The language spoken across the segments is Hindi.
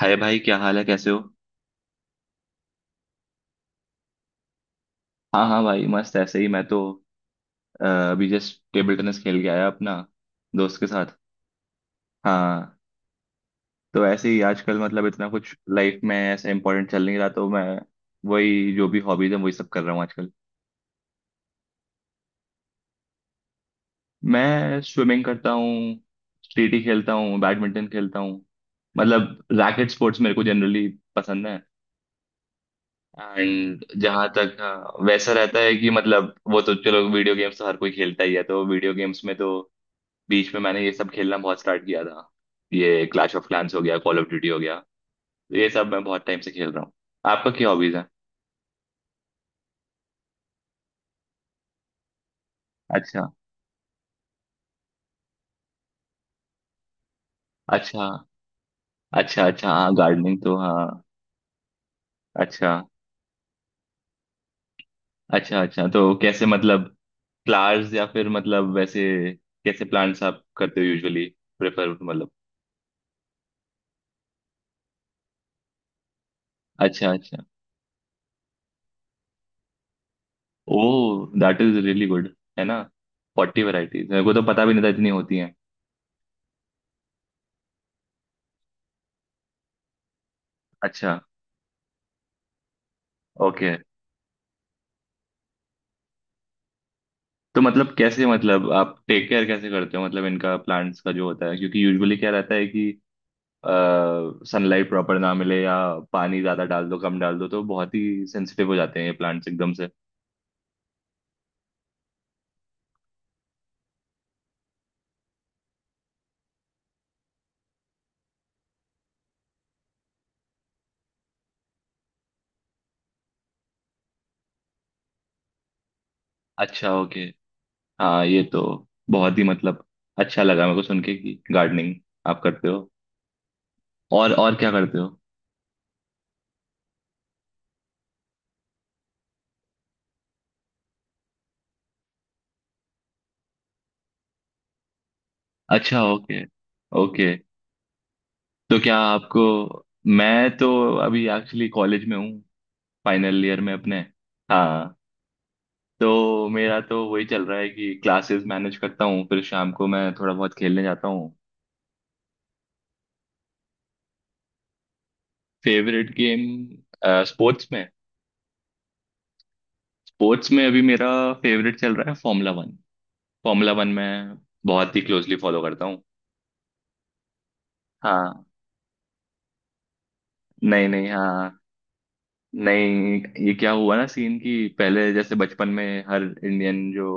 हाय भाई, क्या हाल है? कैसे हो? हाँ हाँ भाई, मस्त। ऐसे ही मैं तो अभी जस्ट टेबल टेनिस खेल के आया अपना दोस्त के साथ। हाँ। तो ऐसे ही आजकल मतलब इतना कुछ लाइफ में ऐसा इंपॉर्टेंट चल नहीं रहा, तो मैं वही जो भी हॉबीज है वही सब कर रहा हूँ आजकल। मैं स्विमिंग करता हूँ, स्टेटी खेलता हूँ, बैडमिंटन खेलता हूँ, मतलब रैकेट स्पोर्ट्स मेरे को जनरली पसंद है। एंड जहाँ तक वैसा रहता है कि मतलब वो तो चलो, वीडियो गेम्स तो हर कोई खेलता ही है, तो वीडियो गेम्स में तो बीच में मैंने ये सब खेलना बहुत स्टार्ट किया था। ये क्लैश ऑफ क्लैंस हो गया, कॉल ऑफ ड्यूटी हो गया, तो ये सब मैं बहुत टाइम से खेल रहा हूँ। आपका क्या हॉबीज है? अच्छा। अच्छा। अच्छा अच्छा। हाँ, गार्डनिंग तो, हाँ। अच्छा। अच्छा अच्छा, तो कैसे मतलब, फ्लावर्स या फिर मतलब वैसे कैसे प्लांट्स आप करते हो यूजुअली प्रेफर, मतलब? अच्छा अच्छा। Oh, that is really good. है ना? फोर्टी वैरायटीज, मेरे को तो पता भी नहीं था इतनी होती हैं। अच्छा। ओके। तो मतलब कैसे मतलब आप टेक केयर कैसे करते हो मतलब इनका, प्लांट्स का जो होता है? क्योंकि यूजुअली क्या रहता है कि सनलाइट प्रॉपर ना मिले, या पानी ज्यादा डाल दो कम डाल दो, तो बहुत ही सेंसिटिव हो जाते हैं ये प्लांट्स एकदम से। अच्छा, ओके। हाँ ये तो बहुत ही मतलब अच्छा लगा मेरे को सुन के कि गार्डनिंग आप करते हो। और क्या करते हो? अच्छा। ओके। ओके, तो क्या आपको? मैं तो अभी एक्चुअली कॉलेज में हूँ, फाइनल ईयर में अपने। हाँ, तो मेरा तो वही चल रहा है कि क्लासेस मैनेज करता हूँ, फिर शाम को मैं थोड़ा बहुत खेलने जाता हूँ। फेवरेट गेम, स्पोर्ट्स में? स्पोर्ट्स में अभी मेरा फेवरेट चल रहा है फॉर्मूला वन। फॉर्मूला वन मैं बहुत ही क्लोजली फॉलो करता हूँ। हाँ। नहीं नहीं, हाँ। नहीं, ये क्या हुआ ना, सीन कि पहले जैसे बचपन में हर इंडियन जो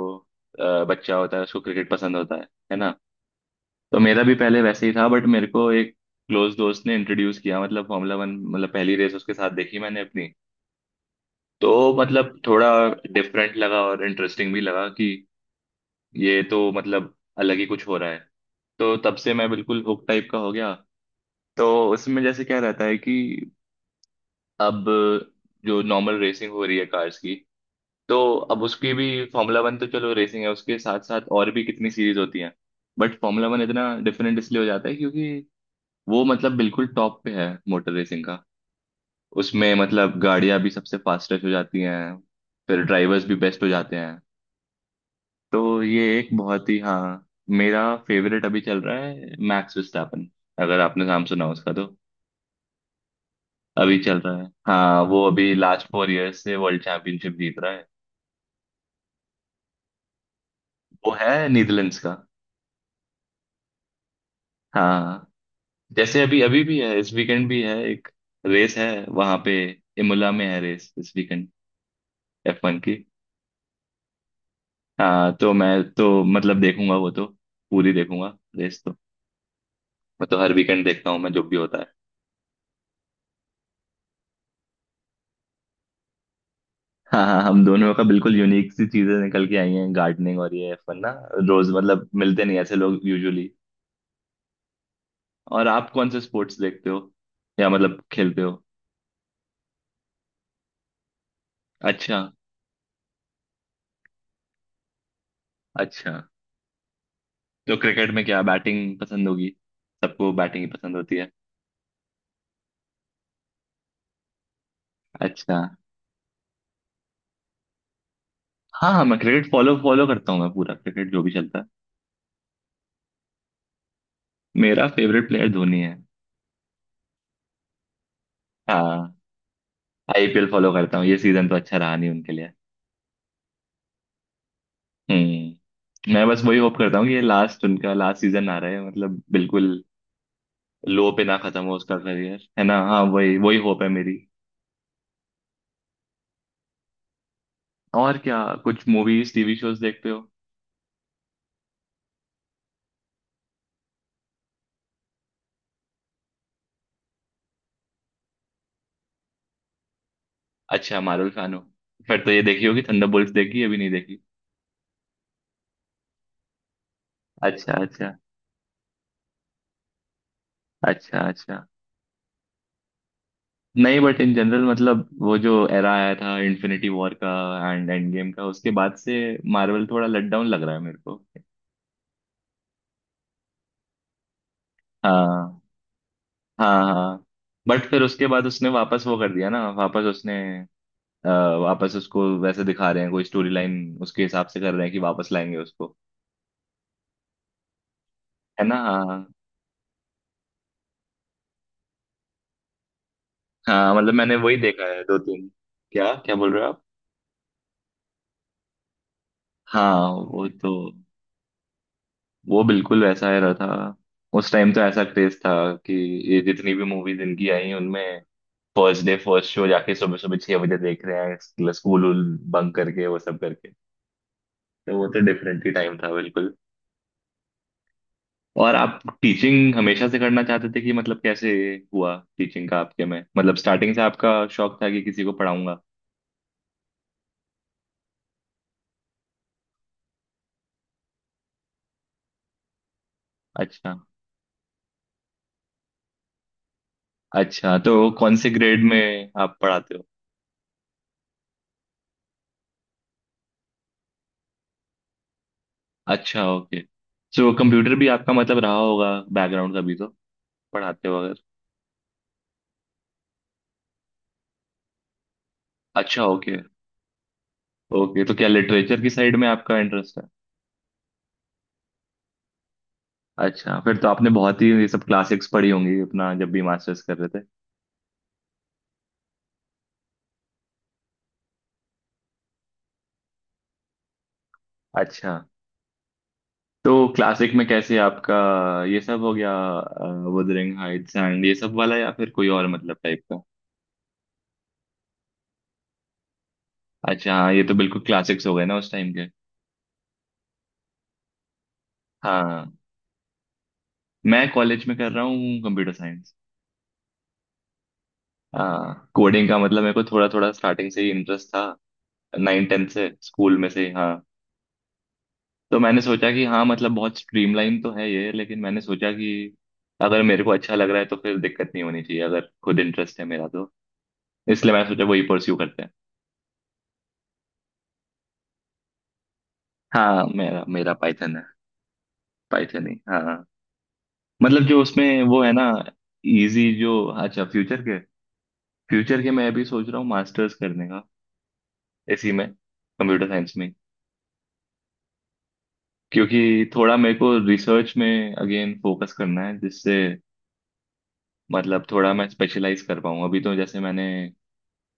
बच्चा होता है उसको क्रिकेट पसंद होता है ना? तो मेरा भी पहले वैसे ही था, बट मेरे को एक क्लोज दोस्त ने इंट्रोड्यूस किया, मतलब फॉर्मूला वन, मतलब पहली रेस उसके साथ देखी मैंने अपनी। तो मतलब थोड़ा डिफरेंट लगा और इंटरेस्टिंग भी लगा कि ये तो मतलब अलग ही कुछ हो रहा है। तो तब से मैं बिल्कुल हुक टाइप का हो गया। तो उसमें जैसे क्या रहता है कि अब जो नॉर्मल रेसिंग हो रही है कार्स की, तो अब उसकी भी, फॉर्मूला वन तो चलो रेसिंग है, उसके साथ साथ और भी कितनी सीरीज होती हैं, बट फॉर्मूला वन इतना डिफरेंट इसलिए हो जाता है क्योंकि वो मतलब बिल्कुल टॉप पे है मोटर रेसिंग का। उसमें मतलब गाड़ियां भी सबसे फास्टेस्ट हो जाती हैं, फिर ड्राइवर्स भी बेस्ट हो जाते हैं। तो ये एक बहुत ही, हाँ। मेरा फेवरेट अभी चल रहा है मैक्स विस्टापन, अगर आपने नाम सुना उसका तो। अभी चल रहा है, हाँ, वो अभी लास्ट फोर इयर्स से वर्ल्ड चैंपियनशिप जीत रहा है। वो है नीदरलैंड्स का। हाँ। जैसे अभी अभी भी है, इस वीकेंड भी है एक रेस, है वहां पे। इमोला में है रेस इस वीकेंड, एफ वन की। हाँ, तो मैं, तो मतलब देखूंगा वो तो, पूरी देखूंगा रेस तो। मैं तो हर वीकेंड देखता हूँ मैं, जो भी होता है। हाँ हाँ, हम दोनों का बिल्कुल यूनिक सी चीजें निकल के आई हैं, गार्डनिंग और ये F1 ना। रोज मतलब मिलते नहीं ऐसे लोग यूजुअली। और आप कौन से स्पोर्ट्स देखते हो या मतलब खेलते हो? अच्छा। अच्छा, तो क्रिकेट में क्या बैटिंग पसंद होगी? सबको बैटिंग ही पसंद होती है। अच्छा। हाँ हाँ, मैं क्रिकेट फॉलो फॉलो करता हूँ, मैं पूरा क्रिकेट जो भी चलता है। मेरा फेवरेट प्लेयर धोनी है। हाँ, आईपीएल फॉलो करता हूँ, ये सीजन तो अच्छा रहा नहीं उनके लिए। हम्म। मैं बस वही होप करता हूँ कि ये लास्ट, उनका लास्ट सीजन आ रहा है, मतलब बिल्कुल लो पे ना खत्म हो उसका करियर, है ना, हाँ वही वही होप है मेरी। और क्या, कुछ मूवीज टीवी शोज देखते हो? अच्छा, मार्वल फैन हो? फिर तो ये देखी होगी थंडरबोल्ट्स, देखी अभी नहीं देखी? अच्छा अच्छा। अच्छा अच्छा। नहीं बट इन जनरल मतलब वो जो एरा आया था इन्फिनिटी वॉर का, एंड एंड गेम का, उसके बाद से मार्वल थोड़ा लट डाउन लग रहा है मेरे को। हाँ हाँ हाँ। बट फिर उसके बाद उसने वापस वो कर दिया ना, वापस उसने अ, वापस उसको वैसे दिखा रहे हैं कोई स्टोरी लाइन, उसके हिसाब से कर रहे हैं कि वापस लाएंगे उसको। है ना? हाँ हाँ हाँ, मतलब मैंने वही देखा है दो तीन, क्या क्या बोल रहे हो आप? हाँ वो तो, वो बिल्कुल वैसा ही रहा था। उस टाइम तो ऐसा क्रेज था कि ये जितनी भी मूवीज इनकी आई उनमें फर्स्ट डे फर्स्ट शो जाके सुबह सुबह छह बजे देख रहे हैं, स्कूल बंक करके, वो सब करके। तो वो तो डिफरेंट ही टाइम था बिल्कुल। और आप टीचिंग हमेशा से करना चाहते थे कि मतलब कैसे हुआ टीचिंग का आपके में, मतलब स्टार्टिंग से आपका शौक था कि किसी को पढ़ाऊंगा? अच्छा। अच्छा, तो कौन से ग्रेड में आप पढ़ाते हो? अच्छा, ओके। सो कंप्यूटर भी आपका मतलब रहा होगा बैकग्राउंड का भी, तो पढ़ाते हो अगर। अच्छा, ओके। ओके, तो क्या लिटरेचर की साइड में आपका इंटरेस्ट है? अच्छा, फिर तो आपने बहुत ही ये सब क्लासिक्स पढ़ी होंगी अपना जब भी मास्टर्स कर रहे थे। अच्छा, तो क्लासिक में कैसे आपका ये सब हो गया, wuthering heights एंड ये सब वाला या फिर कोई और मतलब टाइप का? अच्छा हाँ, ये तो बिल्कुल क्लासिक्स हो गए ना उस टाइम के। हाँ, मैं कॉलेज में कर रहा हूँ कंप्यूटर साइंस। हाँ, कोडिंग का मतलब मेरे को थोड़ा थोड़ा स्टार्टिंग से ही इंटरेस्ट था, नाइन टेंथ से, स्कूल में से। हाँ, तो मैंने सोचा कि हाँ मतलब बहुत स्ट्रीमलाइन तो है ये, लेकिन मैंने सोचा कि अगर मेरे को अच्छा लग रहा है तो फिर दिक्कत नहीं होनी चाहिए अगर खुद इंटरेस्ट है मेरा तो। इसलिए मैंने सोचा वही परस्यू करते हैं। हाँ, मेरा मेरा पाइथन है, पाइथन ही, हाँ हाँ। मतलब जो उसमें वो है ना, इजी जो। अच्छा, फ्यूचर के? फ्यूचर के मैं भी सोच रहा हूँ मास्टर्स करने का, इसी में कंप्यूटर साइंस में। क्योंकि थोड़ा मेरे को रिसर्च में अगेन फोकस करना है जिससे मतलब थोड़ा मैं स्पेशलाइज कर पाऊँ। अभी तो जैसे मैंने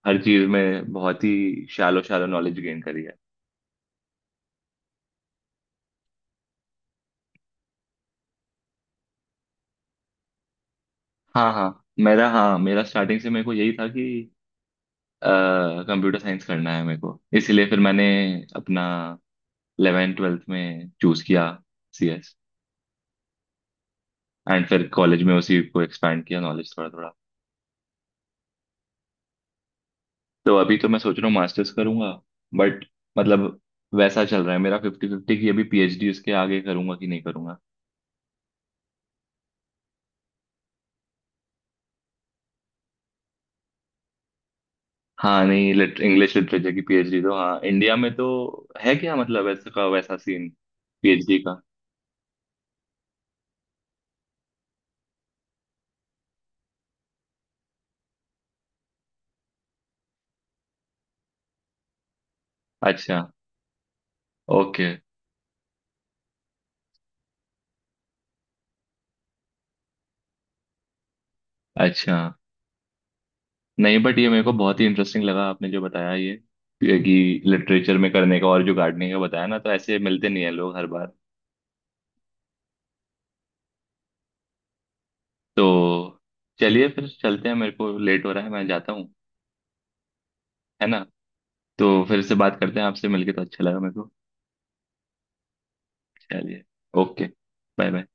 हर चीज में बहुत ही शैलो शैलो नॉलेज गेन करी है। हाँ हाँ, मेरा, हाँ मेरा स्टार्टिंग से मेरे को यही था कि कंप्यूटर साइंस करना है मेरे को, इसलिए फिर मैंने अपना इलेवेंथ ट्वेल्थ में चूज किया सीएस। एंड फिर कॉलेज में उसी को एक्सपैंड किया नॉलेज थोड़ा थोड़ा। तो अभी तो मैं सोच रहा हूँ मास्टर्स करूंगा, बट मतलब वैसा चल रहा है मेरा फिफ्टी फिफ्टी की अभी, पीएचडी उसके आगे करूंगा कि नहीं करूंगा। हाँ नहीं, इंग्लिश लिटरेचर की पीएचडी तो, हाँ इंडिया में तो है क्या मतलब ऐसा का वैसा सीन, पीएचडी का? अच्छा, ओके। अच्छा नहीं, बट ये मेरे को बहुत ही इंटरेस्टिंग लगा आपने जो बताया ये, कि लिटरेचर में करने का और जो गार्डनिंग का बताया ना, तो ऐसे मिलते नहीं है लोग हर बार। तो चलिए फिर चलते हैं, मेरे को लेट हो रहा है, मैं जाता हूँ। है ना? तो फिर से बात करते हैं, आपसे मिलके तो अच्छा लगा मेरे को। चलिए, ओके, बाय बाय।